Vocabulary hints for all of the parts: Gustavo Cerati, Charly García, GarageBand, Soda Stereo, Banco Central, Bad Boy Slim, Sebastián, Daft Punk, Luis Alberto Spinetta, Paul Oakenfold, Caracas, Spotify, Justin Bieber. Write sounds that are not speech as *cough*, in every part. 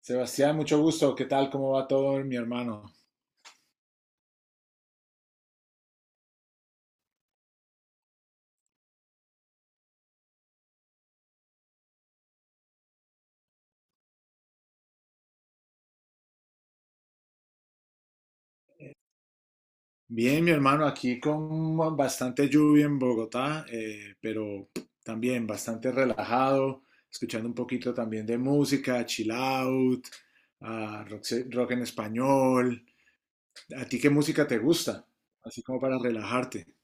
Sebastián, mucho gusto. ¿Qué tal? ¿Cómo va todo, mi hermano? Bien, mi hermano, aquí con bastante lluvia en Bogotá, pero también bastante relajado, escuchando un poquito también de música, chill out, ah, rock, rock en español. ¿A ti qué música te gusta? Así como para relajarte.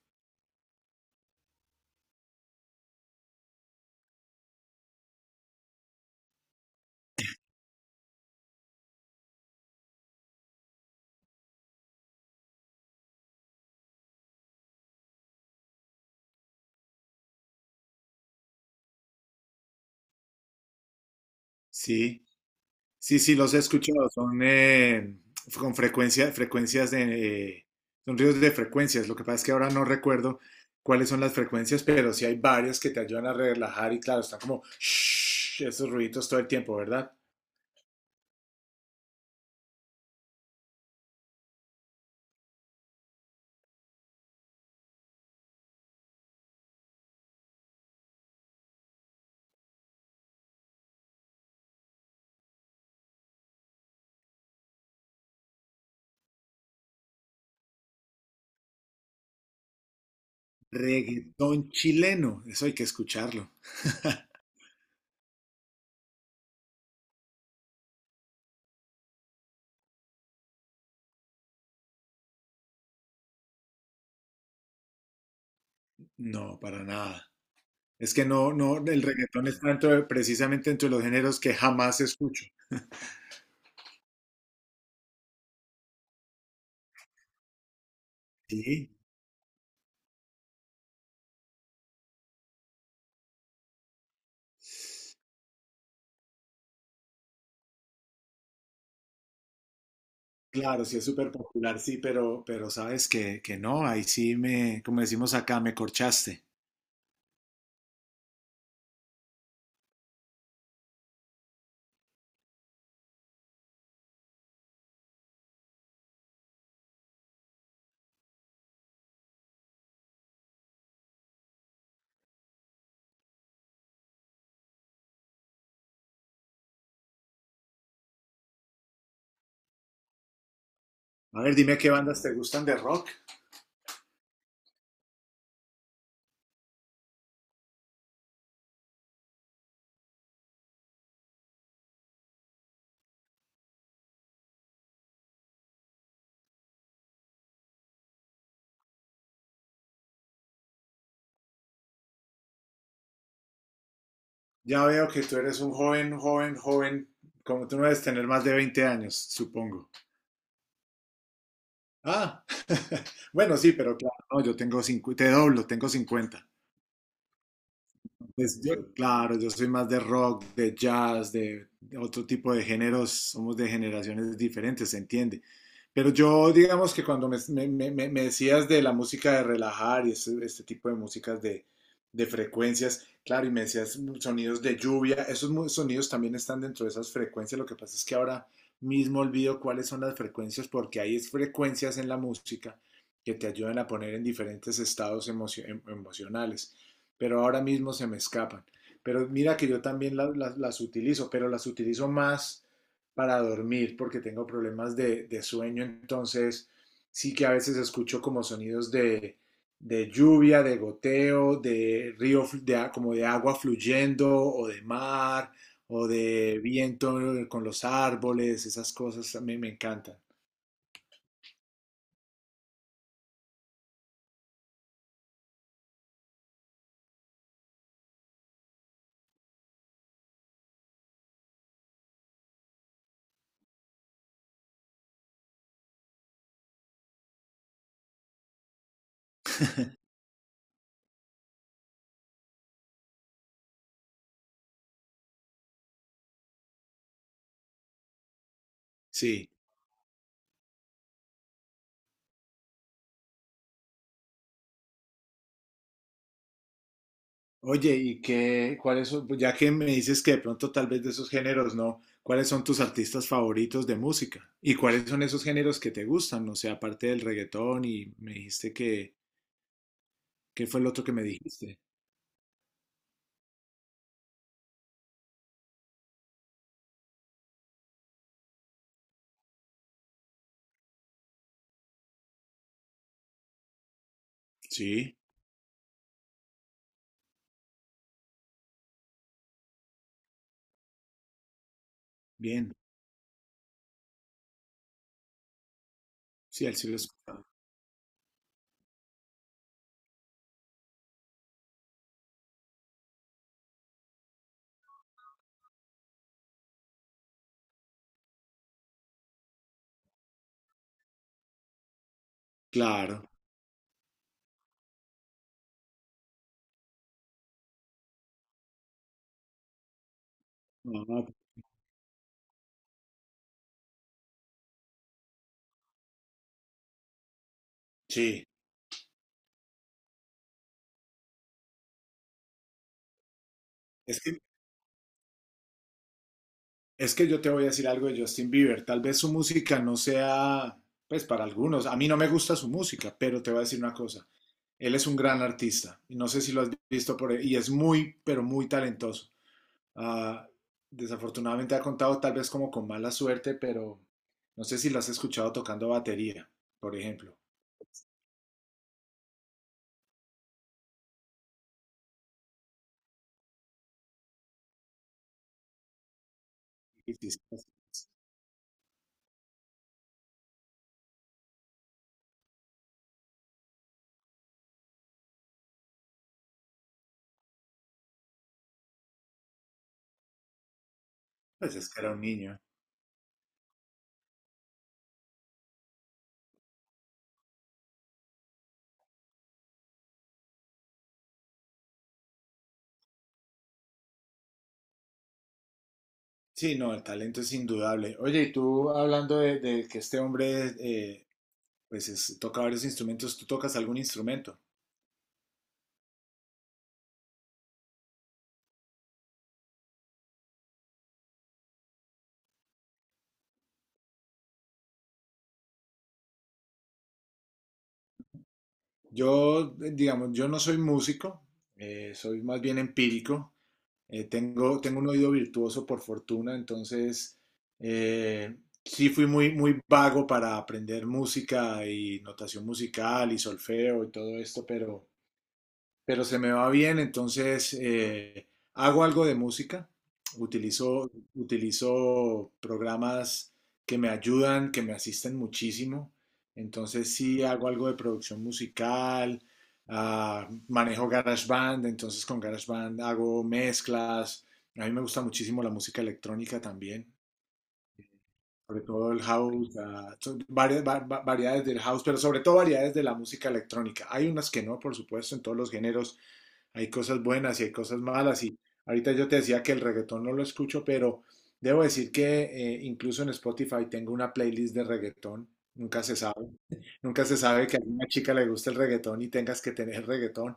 Sí. Sí, sí, los he escuchado. Son con frecuencia, frecuencias de, son ríos de frecuencias. Lo que pasa es que ahora no recuerdo cuáles son las frecuencias, pero sí hay varias que te ayudan a relajar y claro, están como shhh, esos ruiditos todo el tiempo, ¿verdad? Reggaetón chileno, eso hay que escucharlo. *laughs* No, para nada. Es que no, no, el reggaetón está precisamente entre los géneros que jamás escucho. Sí. Claro, sí es súper popular, sí, pero sabes que no, ahí sí me, como decimos acá, me corchaste. A ver, dime qué bandas te gustan de rock. Ya veo que tú eres un joven, joven, joven, como tú no debes tener más de 20 años, supongo. Ah, *laughs* bueno, sí, pero claro, no, yo tengo cincuenta. Te doblo, tengo 50. Pues yo, claro, yo soy más de rock, de jazz, de otro tipo de géneros, somos de generaciones diferentes, se entiende. Pero yo, digamos que cuando me decías de la música de relajar y este tipo de músicas de frecuencias, claro, y me decías sonidos de lluvia, esos sonidos también están dentro de esas frecuencias, lo que pasa es que ahora mismo olvido cuáles son las frecuencias, porque hay frecuencias en la música que te ayudan a poner en diferentes estados emocionales, pero ahora mismo se me escapan. Pero mira que yo también las utilizo, pero las utilizo más para dormir porque tengo problemas de sueño, entonces sí que a veces escucho como sonidos de lluvia, de goteo, de río, de, como de agua fluyendo o de mar o de viento con los árboles, esas cosas me, me encantan. *laughs* Sí. Oye, ¿y qué, cuáles son? Pues, ya que me dices que de pronto tal vez de esos géneros no, ¿cuáles son tus artistas favoritos de música? ¿Y cuáles son esos géneros que te gustan? O sea, aparte del reggaetón y me dijiste que, ¿qué fue el otro que me dijiste? Sí, bien, sí, él sí lo escuchaba. Claro, no, no, sí. Es que Es que yo te voy a decir algo de Justin Bieber. Tal vez su música no sea, pues para algunos, a mí no me gusta su música, pero te voy a decir una cosa. Él es un gran artista y no sé si lo has visto por ahí, y es muy, pero muy talentoso. Ah, desafortunadamente ha contado tal vez como con mala suerte, pero no sé si lo has escuchado tocando batería, por ejemplo. Y sí, sí. Pues es que era un niño. Sí, no, el talento es indudable. Oye, y tú hablando de que este hombre pues toca varios instrumentos. ¿Tú tocas algún instrumento? Yo, digamos, yo no soy músico, soy más bien empírico. Tengo, tengo un oído virtuoso por fortuna, entonces eh, sí fui muy, muy vago para aprender música y notación musical y solfeo y todo esto, pero se me va bien, entonces hago algo de música, utilizo, utilizo programas que me ayudan, que me asisten muchísimo, entonces sí hago algo de producción musical, ah, manejo GarageBand, entonces con GarageBand hago mezclas, a mí me gusta muchísimo la música electrónica también. Sobre todo el house, ah, variedades del house, pero sobre todo variedades de la música electrónica. Hay unas que no, por supuesto, en todos los géneros, hay cosas buenas y hay cosas malas. Y ahorita yo te decía que el reggaetón no lo escucho, pero debo decir que incluso en Spotify tengo una playlist de reggaetón. Nunca se sabe. Nunca se sabe que a una chica le guste el reggaetón y tengas que tener *laughs* reggaetón.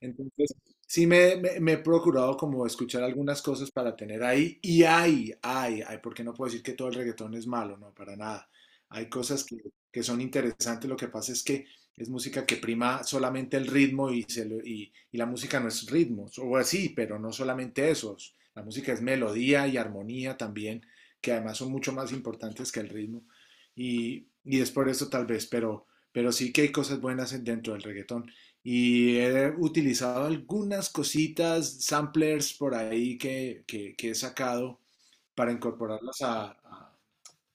Entonces, sí me, me he procurado como escuchar algunas cosas para tener ahí, y hay, porque no puedo decir que todo el reggaetón es malo, no, para nada. Hay cosas que son interesantes, lo que pasa es que es música que prima solamente el ritmo y, y la música no es ritmo, o así, pero no solamente eso, la música es melodía y armonía también, que además son mucho más importantes que el ritmo, y es por eso tal vez, pero sí que hay cosas buenas dentro del reggaetón. Y he utilizado algunas cositas, samplers por ahí que, que he sacado para incorporarlas a,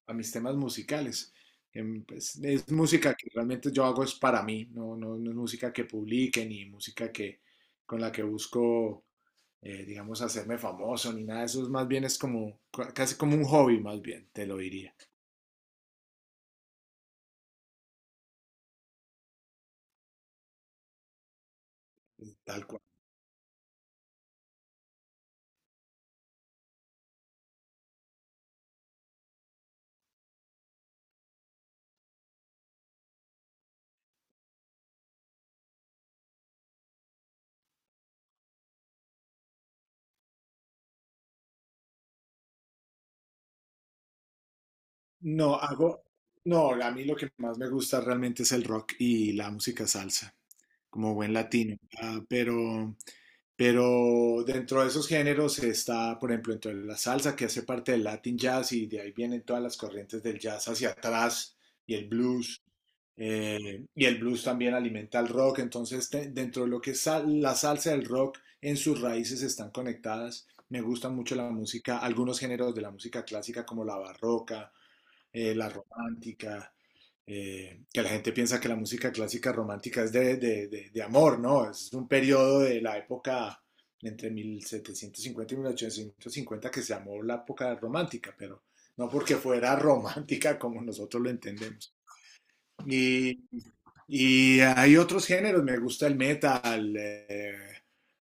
a mis temas musicales. Pues, es música que realmente yo hago es para mí, no, no, no es música que publique ni música que, con la que busco, digamos, hacerme famoso ni nada de eso. Es más bien es como, casi como un hobby, más bien, te lo diría, tal cual. No, hago, no, a mí lo que más me gusta realmente es el rock y la música salsa, como buen latino. Ah, pero dentro de esos géneros está, por ejemplo, dentro de la salsa, que hace parte del Latin Jazz, y de ahí vienen todas las corrientes del jazz hacia atrás y el blues. Y el blues también alimenta al rock, entonces dentro de lo que es la salsa del rock en sus raíces están conectadas. Me gusta mucho la música, algunos géneros de la música clásica como la barroca, la romántica, que la gente piensa que la música clásica romántica es de, de amor, ¿no? Es un periodo de la época entre 1750 y mil ochocientos cincuenta, que se llamó la época romántica, pero no porque fuera *laughs* romántica como nosotros lo entendemos. Y, y hay otros géneros, me gusta el metal, eh,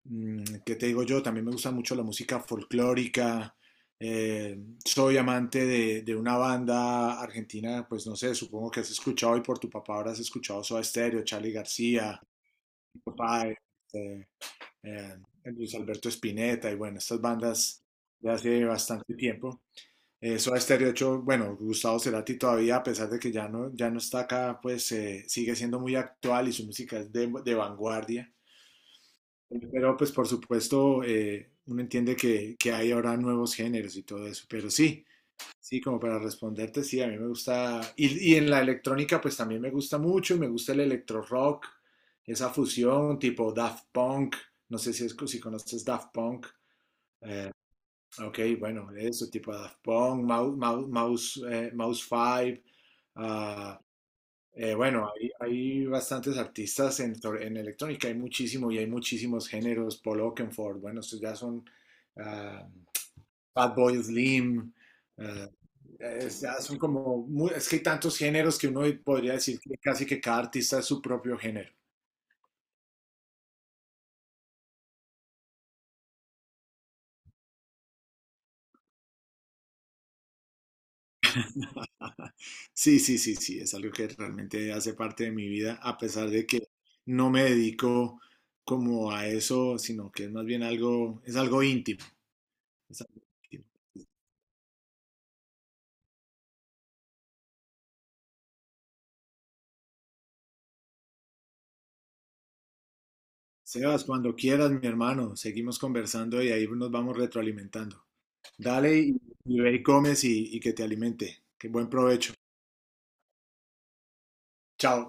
mm, ¿qué te digo yo? También me gusta mucho la música folclórica. eh, Soy amante de una banda argentina, pues no sé, supongo que has escuchado y por tu papá habrás escuchado Soda Stereo, Charly García, Fito, eh, eh, Luis Alberto Spinetta y bueno, estas bandas de hace bastante tiempo. Eso Soda Stereo, de hecho, bueno, Gustavo Cerati todavía, a pesar de que ya no está acá, pues sigue siendo muy actual y su música es de vanguardia. Pero pues por supuesto, uno entiende que hay ahora nuevos géneros y todo eso. Pero sí, sí, como para responderte, sí, a mí me gusta. Y en la electrónica, pues también me gusta mucho, me gusta el electro rock, esa fusión tipo Daft Punk, no sé si, es, si conoces Daft Punk. Ok, bueno, eso, tipo Daft Punk, Mouse 5. Ah, bueno, hay bastantes artistas en, en electrónica, hay muchísimo y hay muchísimos géneros. Paul Oakenfold, bueno, estos ya son ah, Bad Boy Slim. Ah, ya son como, es que hay tantos géneros que uno podría decir que casi que cada artista es su propio género. Sí, sí, sí, sí, es algo que realmente hace parte de mi vida, a pesar de que no me dedico como a eso, sino que es más bien algo, es algo íntimo. Es algo íntimo. Sebas, cuando quieras, mi hermano, seguimos conversando y ahí nos vamos retroalimentando. Dale y ve y comes y que te alimente. Que buen provecho. Chao.